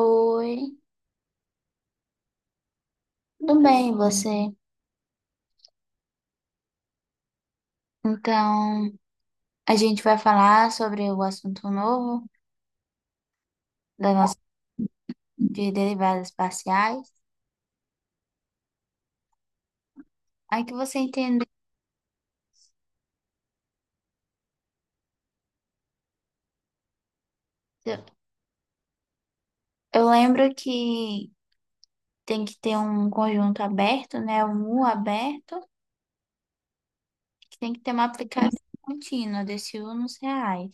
Oi, tudo bem, e você? Então, a gente vai falar sobre o assunto novo da nossa de derivadas parciais. Aí que você entendeu. Eu lembro que tem que ter um conjunto aberto, né? Um U aberto, que tem que ter uma aplicação contínua desse U nos reais.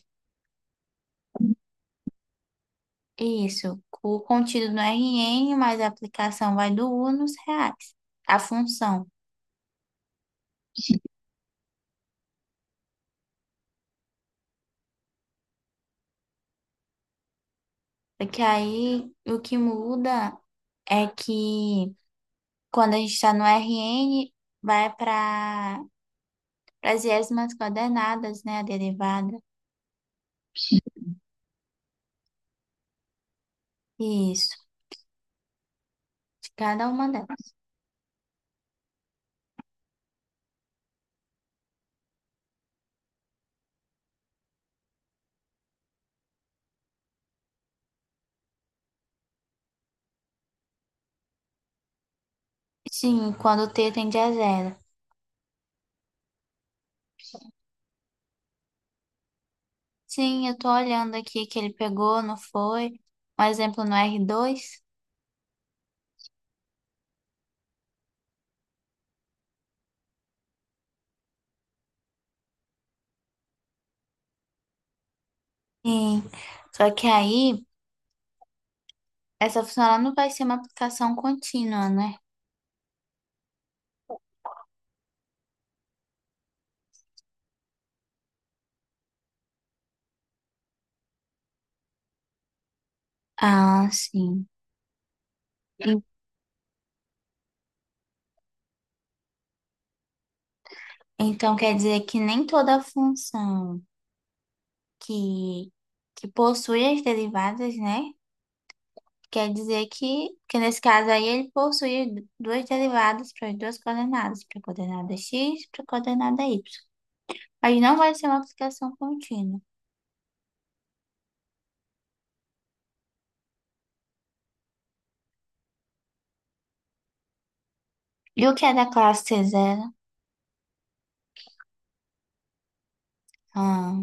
Isso, o contido no RN, mas a aplicação vai do U nos reais, a função. Porque aí o que muda é que quando a gente está no RN, vai para as iésimas coordenadas, né? A derivada. Isso, de cada uma delas. Sim, quando o t tende a zero. Sim, eu tô olhando aqui que ele pegou, não foi? Um exemplo no r dois. Sim, só que aí, essa função ela não vai ser uma aplicação contínua, né? Ah, sim. En- Então quer dizer que nem toda função que, que possui as derivadas, né? Quer dizer que, nesse caso aí ele possui duas derivadas para as duas coordenadas, para a coordenada x e para a coordenada y. Mas não vai ser uma multiplicação contínua. E o que é da classe c zero? Ah,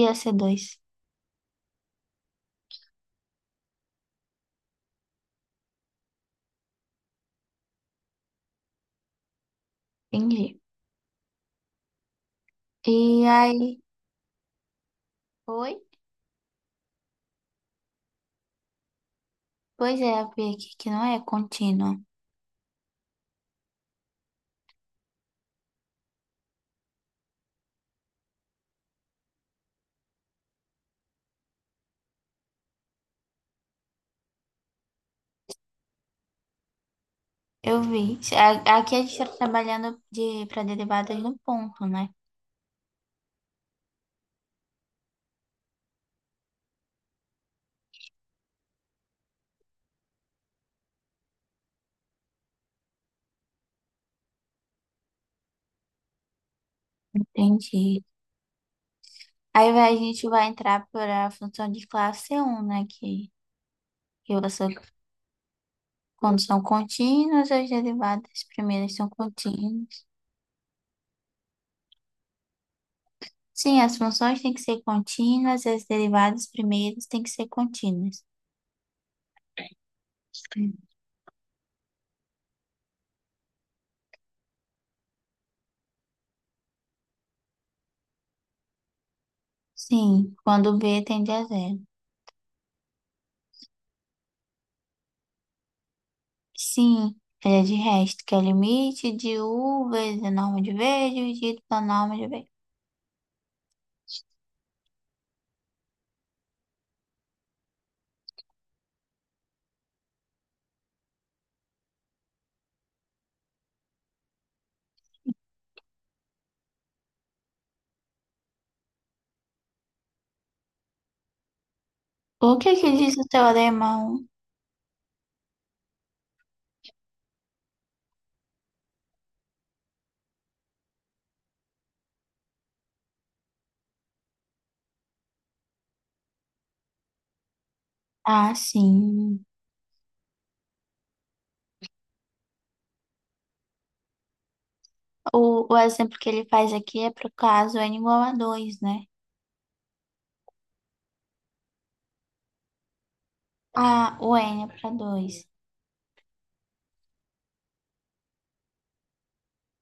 ia ser dois. Entendi. E aí, oi? Pois é, eu vi aqui que não é contínua. Eu vi. Aqui a gente está trabalhando para derivadas no ponto, né? Entendi. A gente vai entrar para a função de classe c um, né? Que eu sou. Quando são contínuas, as derivadas primeiras são contínuas. Sim, as funções têm que ser contínuas e as derivadas primeiras têm que ser contínuas. Sim, sim, quando b tende a zero. Sim, ele é de resto, que é o limite de u vezes a norma de v dividido pela norma de v. O que que diz o teorema 1? Ah, sim. O exemplo que ele faz aqui é para o caso n igual a dois, né? Ah, o n é para dois.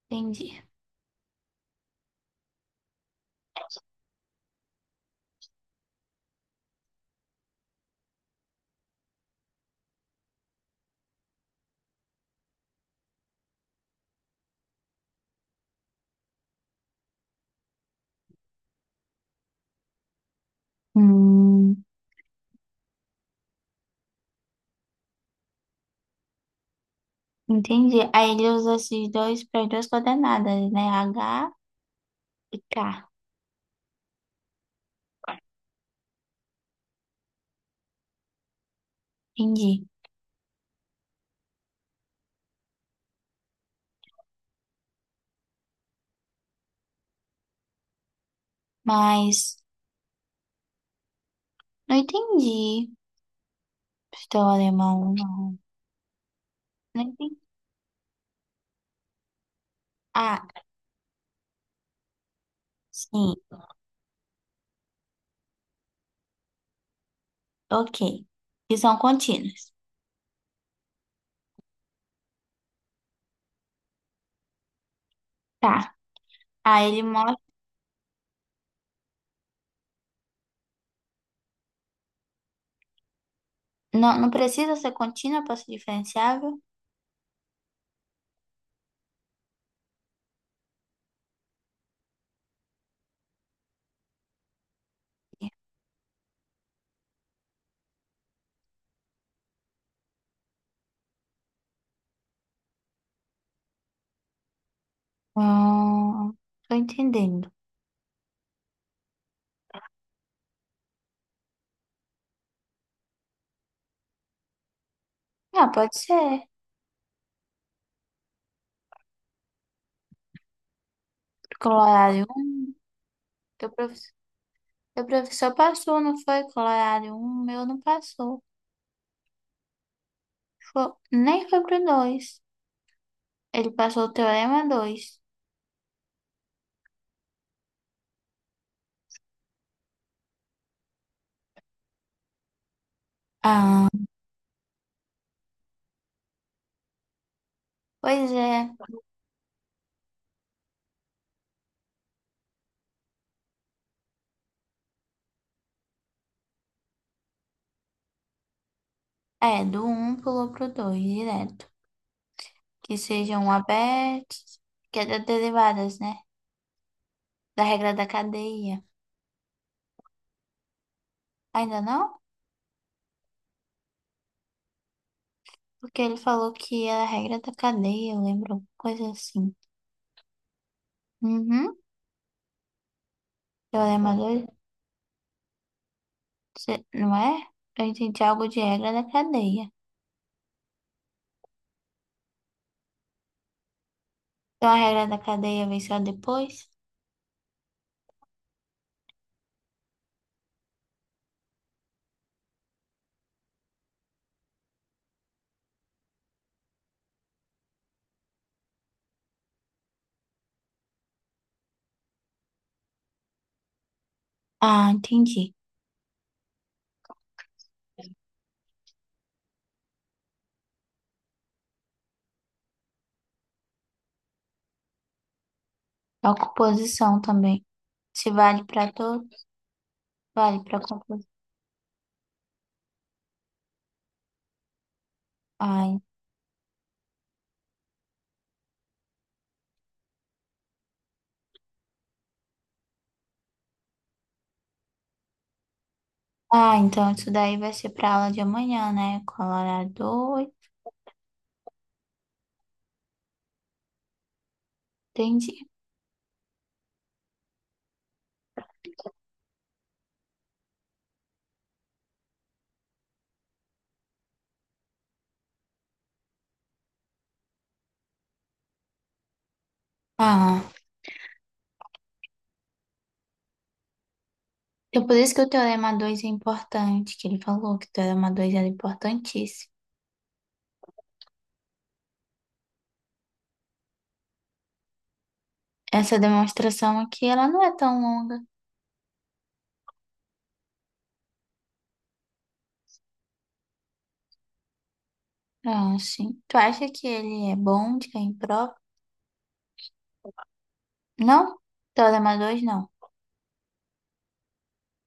Entendi. Hum. Entendi. Aí ele usa esses dois para as duas coordenadas, né? H e K. Entendi. Mas não entendi. Estou alemão, não. Não entendi. Ah, sim. Ok. Que são contínuas. Tá. Aí ele mostra. Não, não precisa ser contínua para ser diferenciável? Hum, tô entendendo. Ah, pode ser. Colorário um. Teu professor, teu professor passou, não foi? Colorário um meu não passou. Nem foi pro dois. Ele passou o teorema dois. Ah, pois é, do um pulou pro 2 direto. Que sejam abertos, que é das derivadas, né? Da regra da cadeia. Ainda não? Porque ele falou que era a regra da cadeia, eu lembro, coisa assim. Uhum, teorema dois, não é? Eu entendi algo de regra da cadeia. Então a regra da cadeia vem só depois? Ah, entendi. A composição também. Se vale para todos, vale para composição. Ah, então isso daí vai ser pra aula de amanhã, né? Colorado, dois. Entendi. Ah, então por isso que o teorema 2 é importante, que ele falou que o teorema 2 era importantíssimo. Essa demonstração aqui, ela não é tão longa. Ah, sim. Tu acha que ele é bom de cair em prova? Não? Teorema 2 não.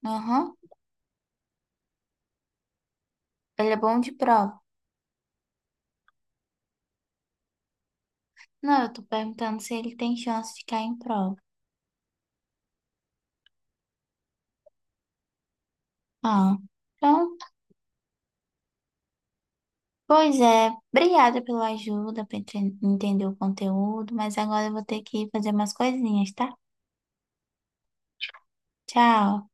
Aham. Ele é bom de prova. Não, eu tô perguntando se ele tem chance de cair em prova. Ah, então. Pois é, obrigada pela ajuda para entender o conteúdo, mas agora eu vou ter que fazer umas coisinhas, tá? Tchau.